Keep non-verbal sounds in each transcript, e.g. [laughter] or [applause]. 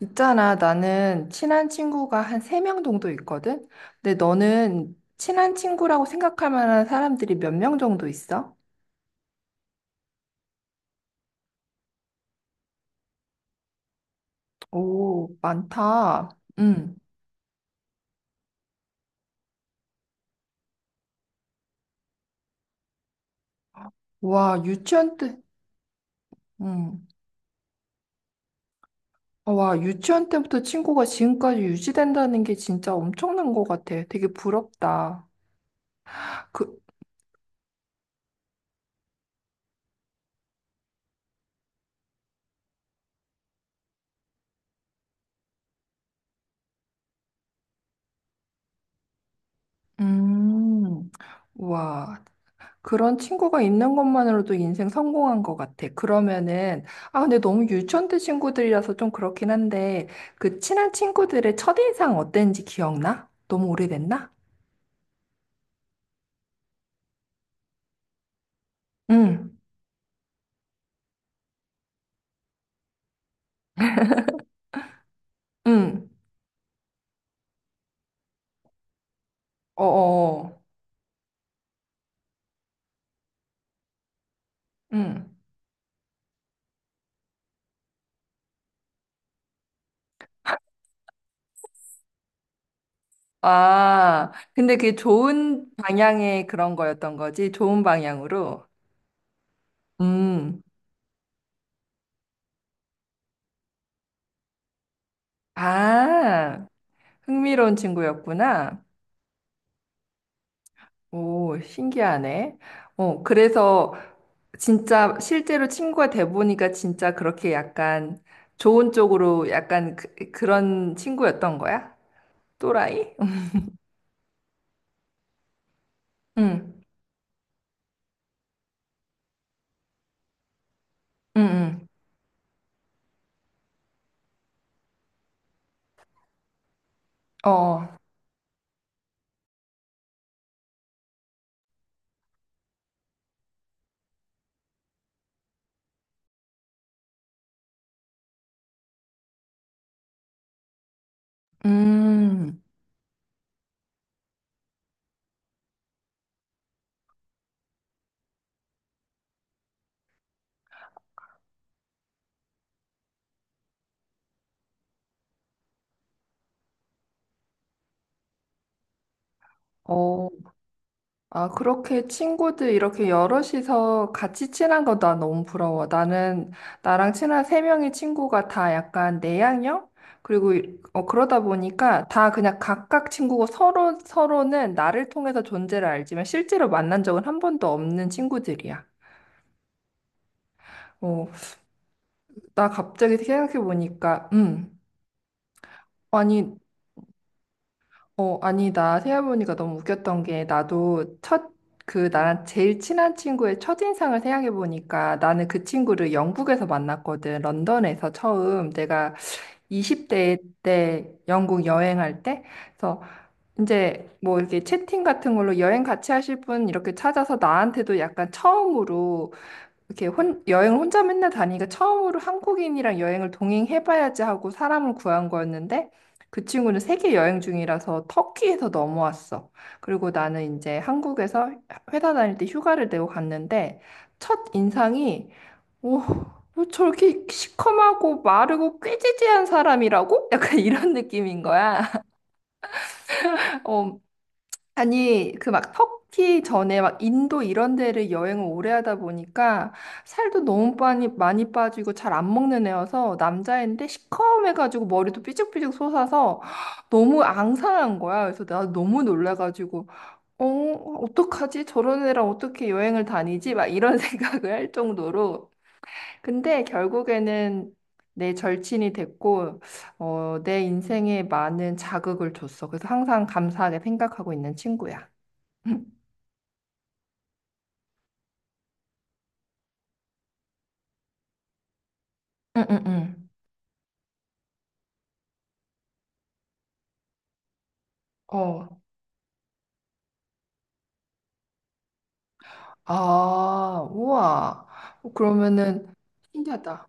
있잖아, 나는 친한 친구가 한 세 명 정도 있거든? 근데 너는 친한 친구라고 생각할 만한 사람들이 몇 명 정도 있어? 오, 많다. 응. 와, 유치원 때, 응. 와, 유치원 때부터 친구가 지금까지 유지된다는 게 진짜 엄청난 것 같아. 되게 부럽다. 그, 음, 와. 그런 친구가 있는 것만으로도 인생 성공한 것 같아. 그러면은, 아, 근데 너무 유치원 때 친구들이라서 좀 그렇긴 한데, 그 친한 친구들의 첫인상 어땠는지 기억나? 너무 오래됐나? 응, 응, 어어, 응. 아, 근데 그게 좋은 방향의 그런 거였던 거지? 좋은 방향으로? 음, 아, 흥미로운 친구였구나. 오, 신기하네. 어, 그래서 진짜 실제로 친구가 돼 보니까 진짜 그렇게 약간 좋은 쪽으로 약간 그, 런 친구였던 거야? 또라이? 응, 응, 응. 어, 음, 어. 아, 그렇게 친구들 이렇게 여럿이서 같이 친한 거 나 너무 부러워. 나는 나랑 친한 세 명의 친구가 다 약간 내향형? 그리고 이- 그러다 보니까 다 그냥 각각 친구고 서로 서로는 나를 통해서 존재를 알지만 실제로 만난 적은 한 번도 없는 친구들이야. 어, 나 갑자기 생각해 보니까, 아니. 아니, 나 생각해보니까 너무 웃겼던 게, 나도 첫, 그, 나랑 제일 친한 친구의 첫인상을 생각해보니까, 나는 그 친구를 영국에서 만났거든. 런던에서 처음. 내가 20대 때 영국 여행할 때. 그래서 이제 뭐 이렇게 채팅 같은 걸로 여행 같이 하실 분 이렇게 찾아서 나한테도 약간 처음으로 이렇게 혼, 여행을 혼자 맨날 다니니까 처음으로 한국인이랑 여행을 동행해봐야지 하고 사람을 구한 거였는데 그 친구는 세계 여행 중이라서 터키에서 넘어왔어. 그리고 나는 이제 한국에서 회사 다닐 때 휴가를 내고 갔는데 첫 인상이 오, 뭐 저렇게 시커멓고 마르고 꾀지지한 사람이라고? 약간 [laughs] 이런 느낌인 거야. [laughs] 어, 아니, 그 막 터키 전에 막 인도 이런 데를 여행을 오래 하다 보니까 살도 너무 많이, 많이 빠지고 잘 안 먹는 애여서 남자애인데 시커매가지고 머리도 삐죽삐죽 솟아서 너무 앙상한 거야. 그래서 나 너무 놀라가지고, 어, 어떡하지? 저런 애랑 어떻게 여행을 다니지? 막 이런 [laughs] 생각을 할 정도로. 근데 결국에는 내 절친이 됐고, 어, 내 인생에 많은 자극을 줬어. 그래서 항상 감사하게 생각하고 있는 친구야. 응, 응, 응. 응. 어. 아, 우와. 어, 그러면은 신기하다.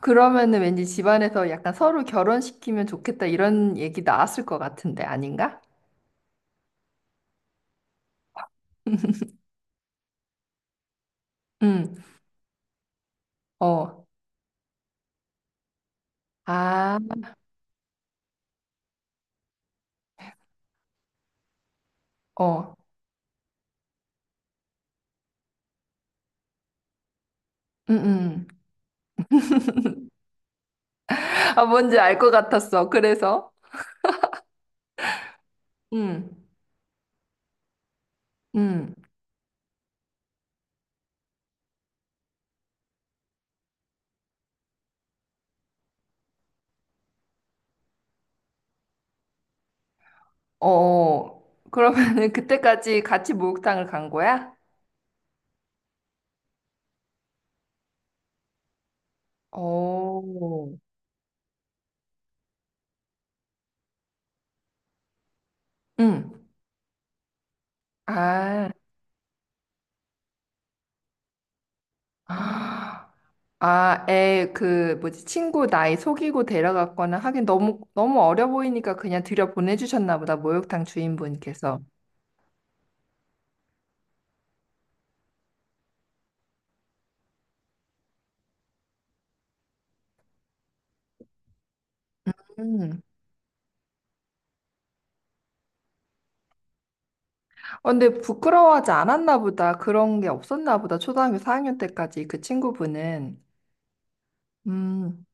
그러면은 왠지 집안에서 약간 서로 결혼시키면 좋겠다 이런 얘기 나왔을 것 같은데 아닌가? [laughs] 응. 어. 아, 어. 응, 응. 아, 뭔지 알 것 같았어. 그래서 응. 응. 어. 어. 그러면은 그때까지 같이 목욕탕을 간 거야? 오. 응. 아. [gasps] 아, 애, 그, 뭐지, 친구 나이 속이고 데려갔거나 하긴 너무, 너무 어려 보이니까 그냥 들여 보내주셨나 보다, 목욕탕 주인분께서. 음. 어, 근데 부끄러워하지 않았나 보다, 그런 게 없었나 보다, 초등학교 4학년 때까지 그 친구분은. 음,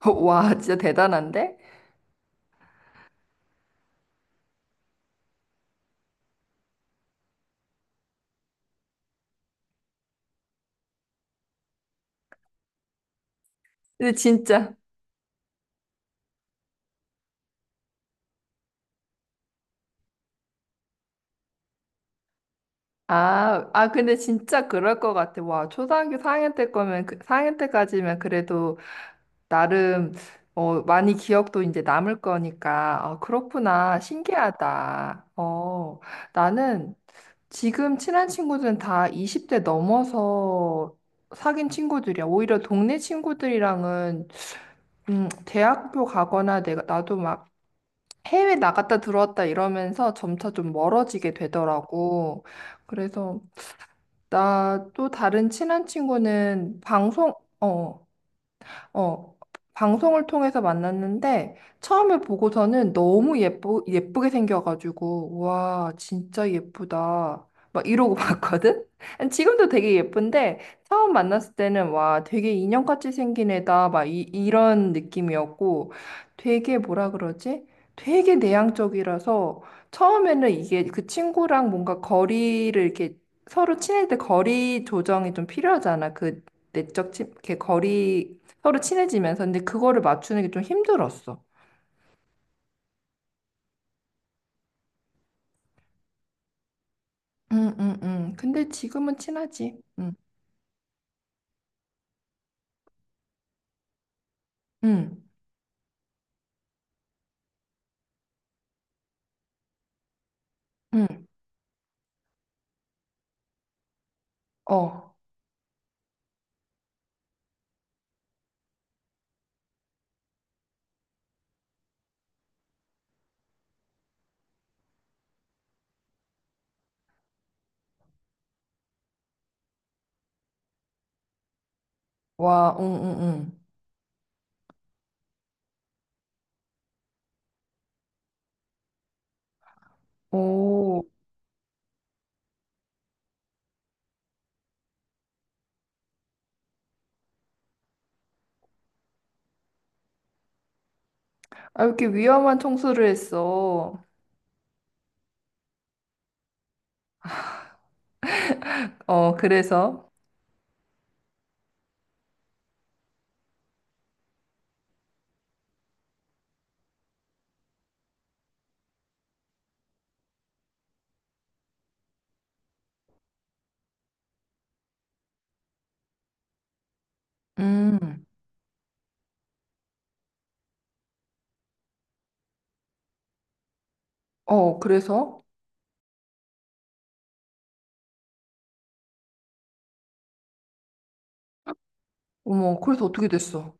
[laughs] 와, 진짜 대단한데? 근데 진짜, 아, 근데 진짜 그럴 것 같아. 와, 초등학교 4학년 때 거면, 그, 4학년 때까지면 그래도 나름 어, 많이 기억도 이제 남을 거니까 어, 그렇구나. 신기하다. 어, 나는 지금 친한 친구들은 다 20대 넘어서 사귄 친구들이야. 오히려 동네 친구들이랑은 대학교 가거나 내가 나도 막 해외 나갔다 들어왔다 이러면서 점차 좀 멀어지게 되더라고. 그래서 나 또 다른 친한 친구는 방송 어 어, 방송을 통해서 만났는데 처음에 보고서는 너무 예쁘, 예쁘게 생겨가지고 와, 진짜 예쁘다. 막 이러고 [laughs] 봤거든? 지금도 되게 예쁜데 처음 만났을 때는 와, 되게 인형같이 생긴 애다. 막 이, 이런 느낌이었고 되게 뭐라 그러지? 되게 내향적이라서 처음에는 이게 그 친구랑 뭔가 거리를 이렇게 서로 친할 때 거리 조정이 좀 필요하잖아. 그 내적 친, 이렇게 거리 서로 친해지면서. 근데 그거를 맞추는 게 좀 힘들었어. 응, 응, 응. 근데 지금은 친하지. 응, 응, 응. 어, 와, 응, 응, 응. 오, 아, 이렇게 위험한 청소를 했어. 어, 그래서? 음, 어, 그래서? 어머, 그래서 어떻게 됐어?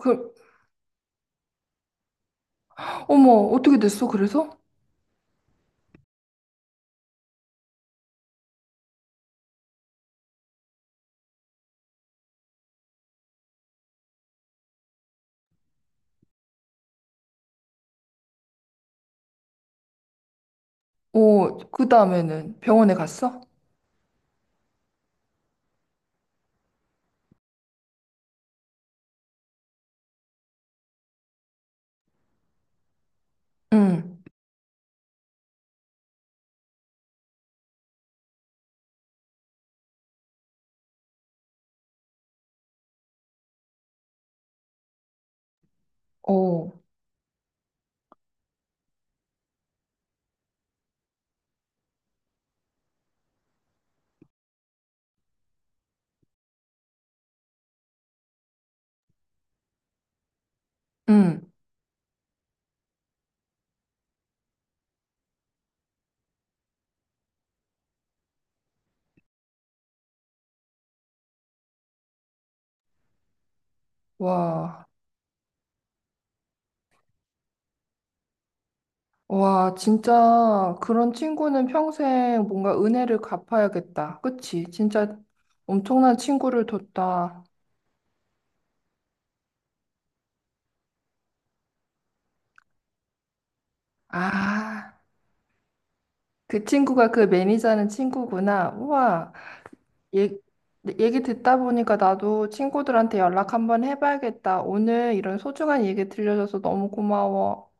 그, 어머, 어떻게 됐어? 그래서? 어, 그 다음에는 병원에 갔어? 응, 어, 응, 와. 와, 진짜 그런 친구는 평생 뭔가 은혜를 갚아야겠다. 그치? 진짜 엄청난 친구를 뒀다. 아, 그 친구가 그 매니저는 친구구나. 우와, 얘, 얘기 듣다 보니까 나도 친구들한테 연락 한번 해봐야겠다. 오늘 이런 소중한 얘기 들려줘서 너무 고마워.